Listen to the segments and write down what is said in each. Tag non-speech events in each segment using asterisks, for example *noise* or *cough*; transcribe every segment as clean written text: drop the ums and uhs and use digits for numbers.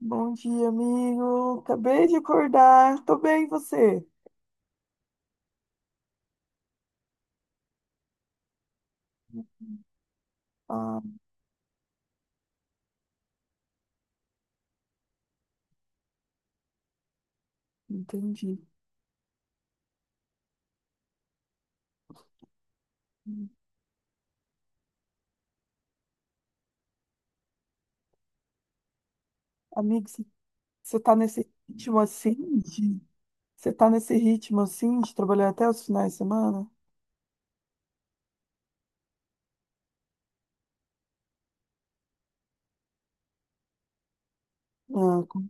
Bom dia, amigo. Acabei de acordar. Tô bem, e você? Ah, entendi. Amigo, você tá nesse ritmo assim de... Você tá nesse ritmo assim de trabalhar até os finais de semana? Ah,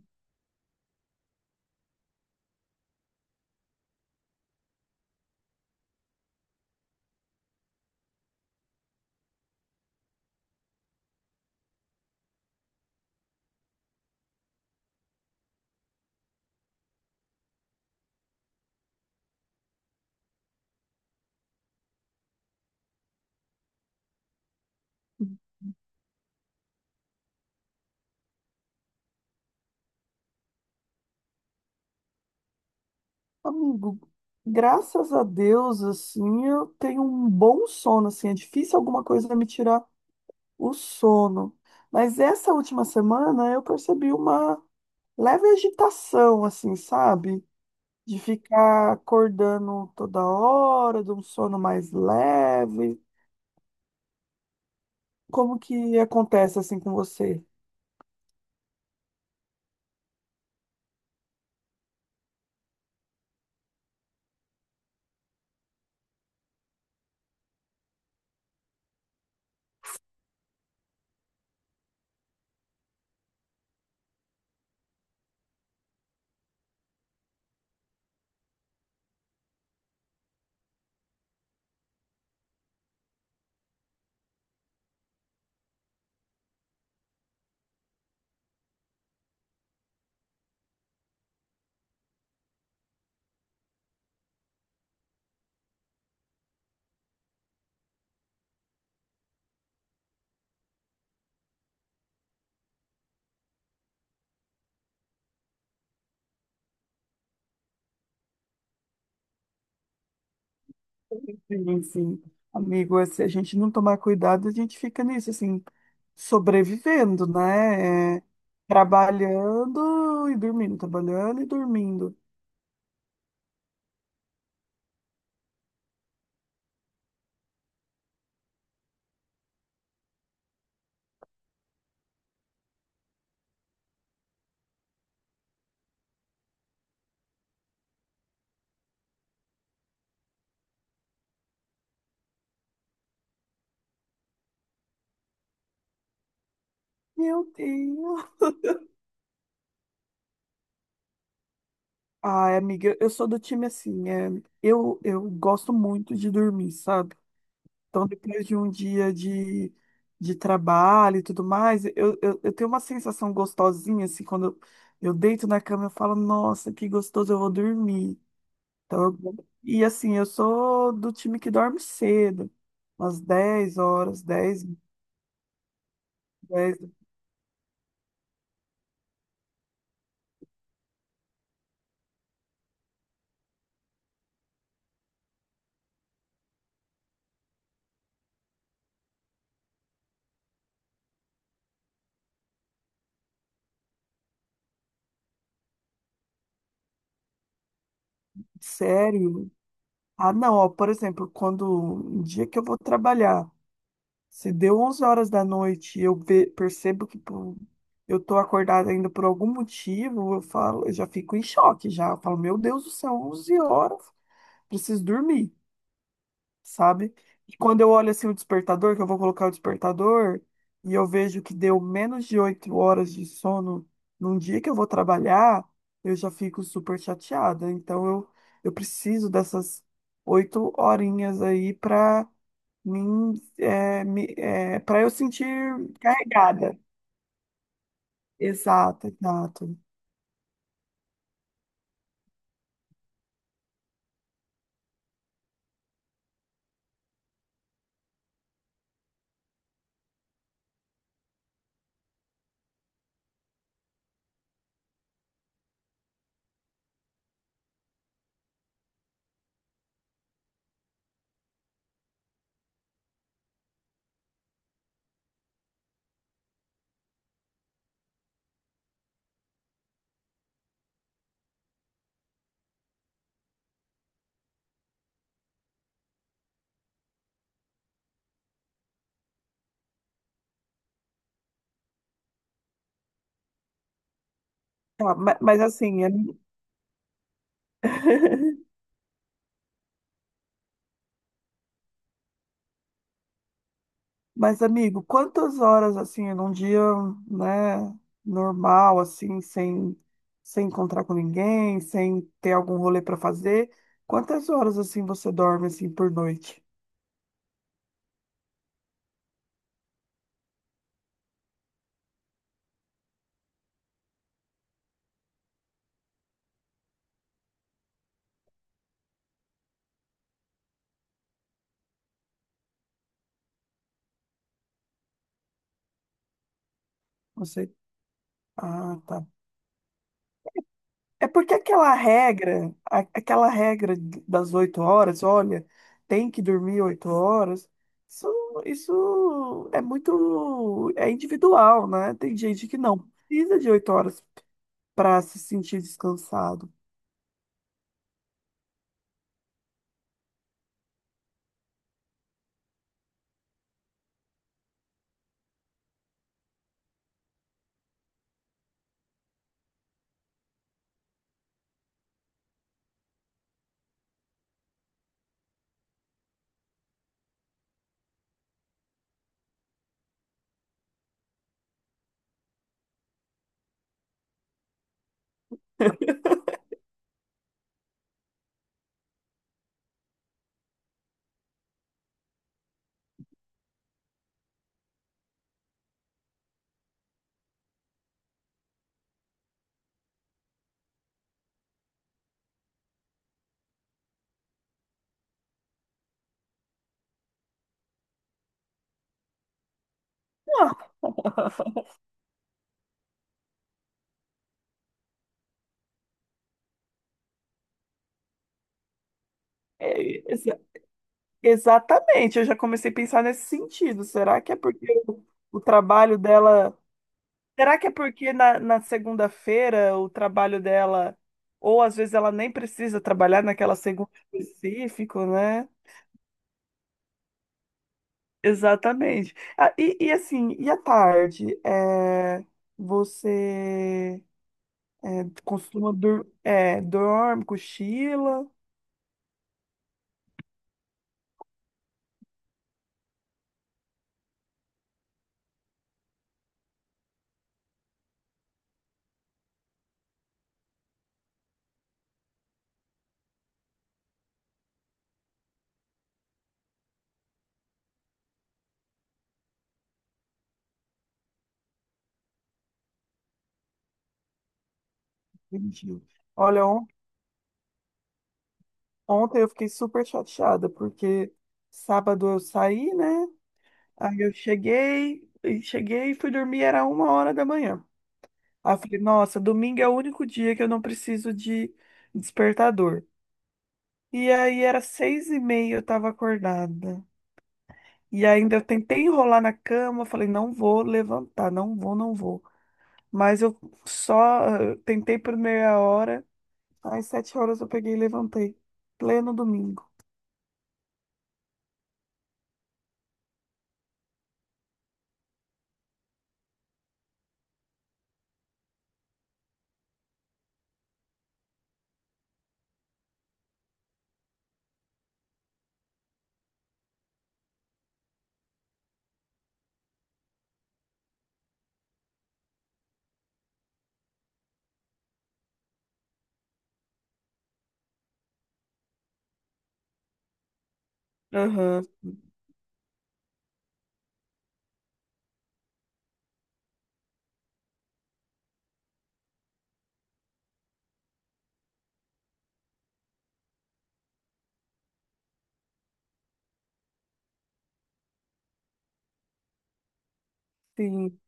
amigo, graças a Deus, assim, eu tenho um bom sono, assim. É difícil alguma coisa me tirar o sono. Mas essa última semana eu percebi uma leve agitação, assim, sabe? De ficar acordando toda hora, de um sono mais leve. Como que acontece assim com você? Sim, sim. Amigo, se a gente não tomar cuidado, a gente fica nisso, assim, sobrevivendo, né? É, trabalhando e dormindo, trabalhando e dormindo. Meu Deus. Ai, amiga, eu sou do time assim, é, eu gosto muito de dormir, sabe? Então, depois de um dia de trabalho e tudo mais, eu tenho uma sensação gostosinha, assim, quando eu deito na cama, eu falo, nossa, que gostoso, eu vou dormir. Então, e assim, eu sou do time que dorme cedo, umas 10 horas, dez. Sério. Ah, não, ó, por exemplo, quando um dia que eu vou trabalhar, se deu 11 horas da noite e eu percebo que pô, eu tô acordada ainda por algum motivo, eu falo, eu já fico em choque já. Eu falo, meu Deus do céu, 11 horas, preciso dormir, sabe? E quando eu olho assim o despertador, que eu vou colocar o despertador, e eu vejo que deu menos de 8 horas de sono num dia que eu vou trabalhar, eu já fico super chateada. Então eu preciso dessas oito horinhas aí para mim, é, me, é, para eu sentir carregada. Exato, exato. Tá, mas, assim, é- *laughs* Mas, amigo, quantas horas assim num dia, né, normal assim, sem encontrar com ninguém, sem ter algum rolê para fazer, quantas horas assim você dorme assim por noite? Você ah, tá. É porque aquela regra, aquela regra das 8 horas, olha, tem que dormir 8 horas. Isso, isso é muito, é individual, né? Tem gente que não precisa de 8 horas para se sentir descansado. *laughs* É, exatamente, eu já comecei a pensar nesse sentido. Será que é porque o trabalho dela. Será que é porque na segunda-feira o trabalho dela, ou às vezes ela nem precisa trabalhar naquela segunda específico, né? Exatamente. Ah, e assim, e à tarde? É, você é, costuma dur é, dorme, cochila? Entendi. Olha, ontem eu fiquei super chateada, porque sábado eu saí, né? Aí eu cheguei, e cheguei e fui dormir, era 1 hora da manhã. Aí eu falei, nossa, domingo é o único dia que eu não preciso de despertador. E aí era 6:30, eu tava acordada. E ainda eu tentei enrolar na cama, falei, não vou levantar, não vou, não vou. Mas eu só tentei por meia hora, às 7 horas eu peguei e levantei. Pleno domingo. Aham. Sim,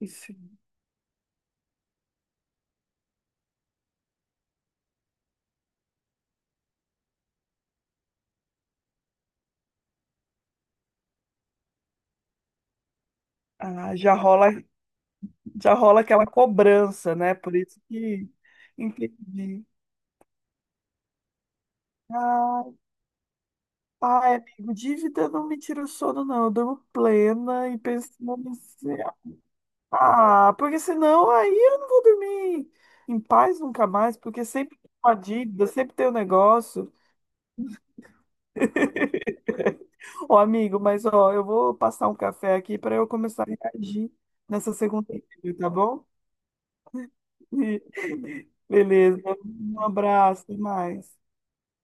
isso. Ah, já rola aquela cobrança, né? Por isso que entendi. Ah, ai, amigo, dívida não me tira o sono, não. Eu durmo plena e pensando assim, ah, porque senão aí eu não vou dormir em paz nunca mais, porque sempre tem uma dívida, sempre tem um negócio. *laughs* Ô, amigo, mas ó, eu vou passar um café aqui para eu começar a reagir nessa segunda-feira, tá bom? *laughs* Beleza. Um abraço, até mais.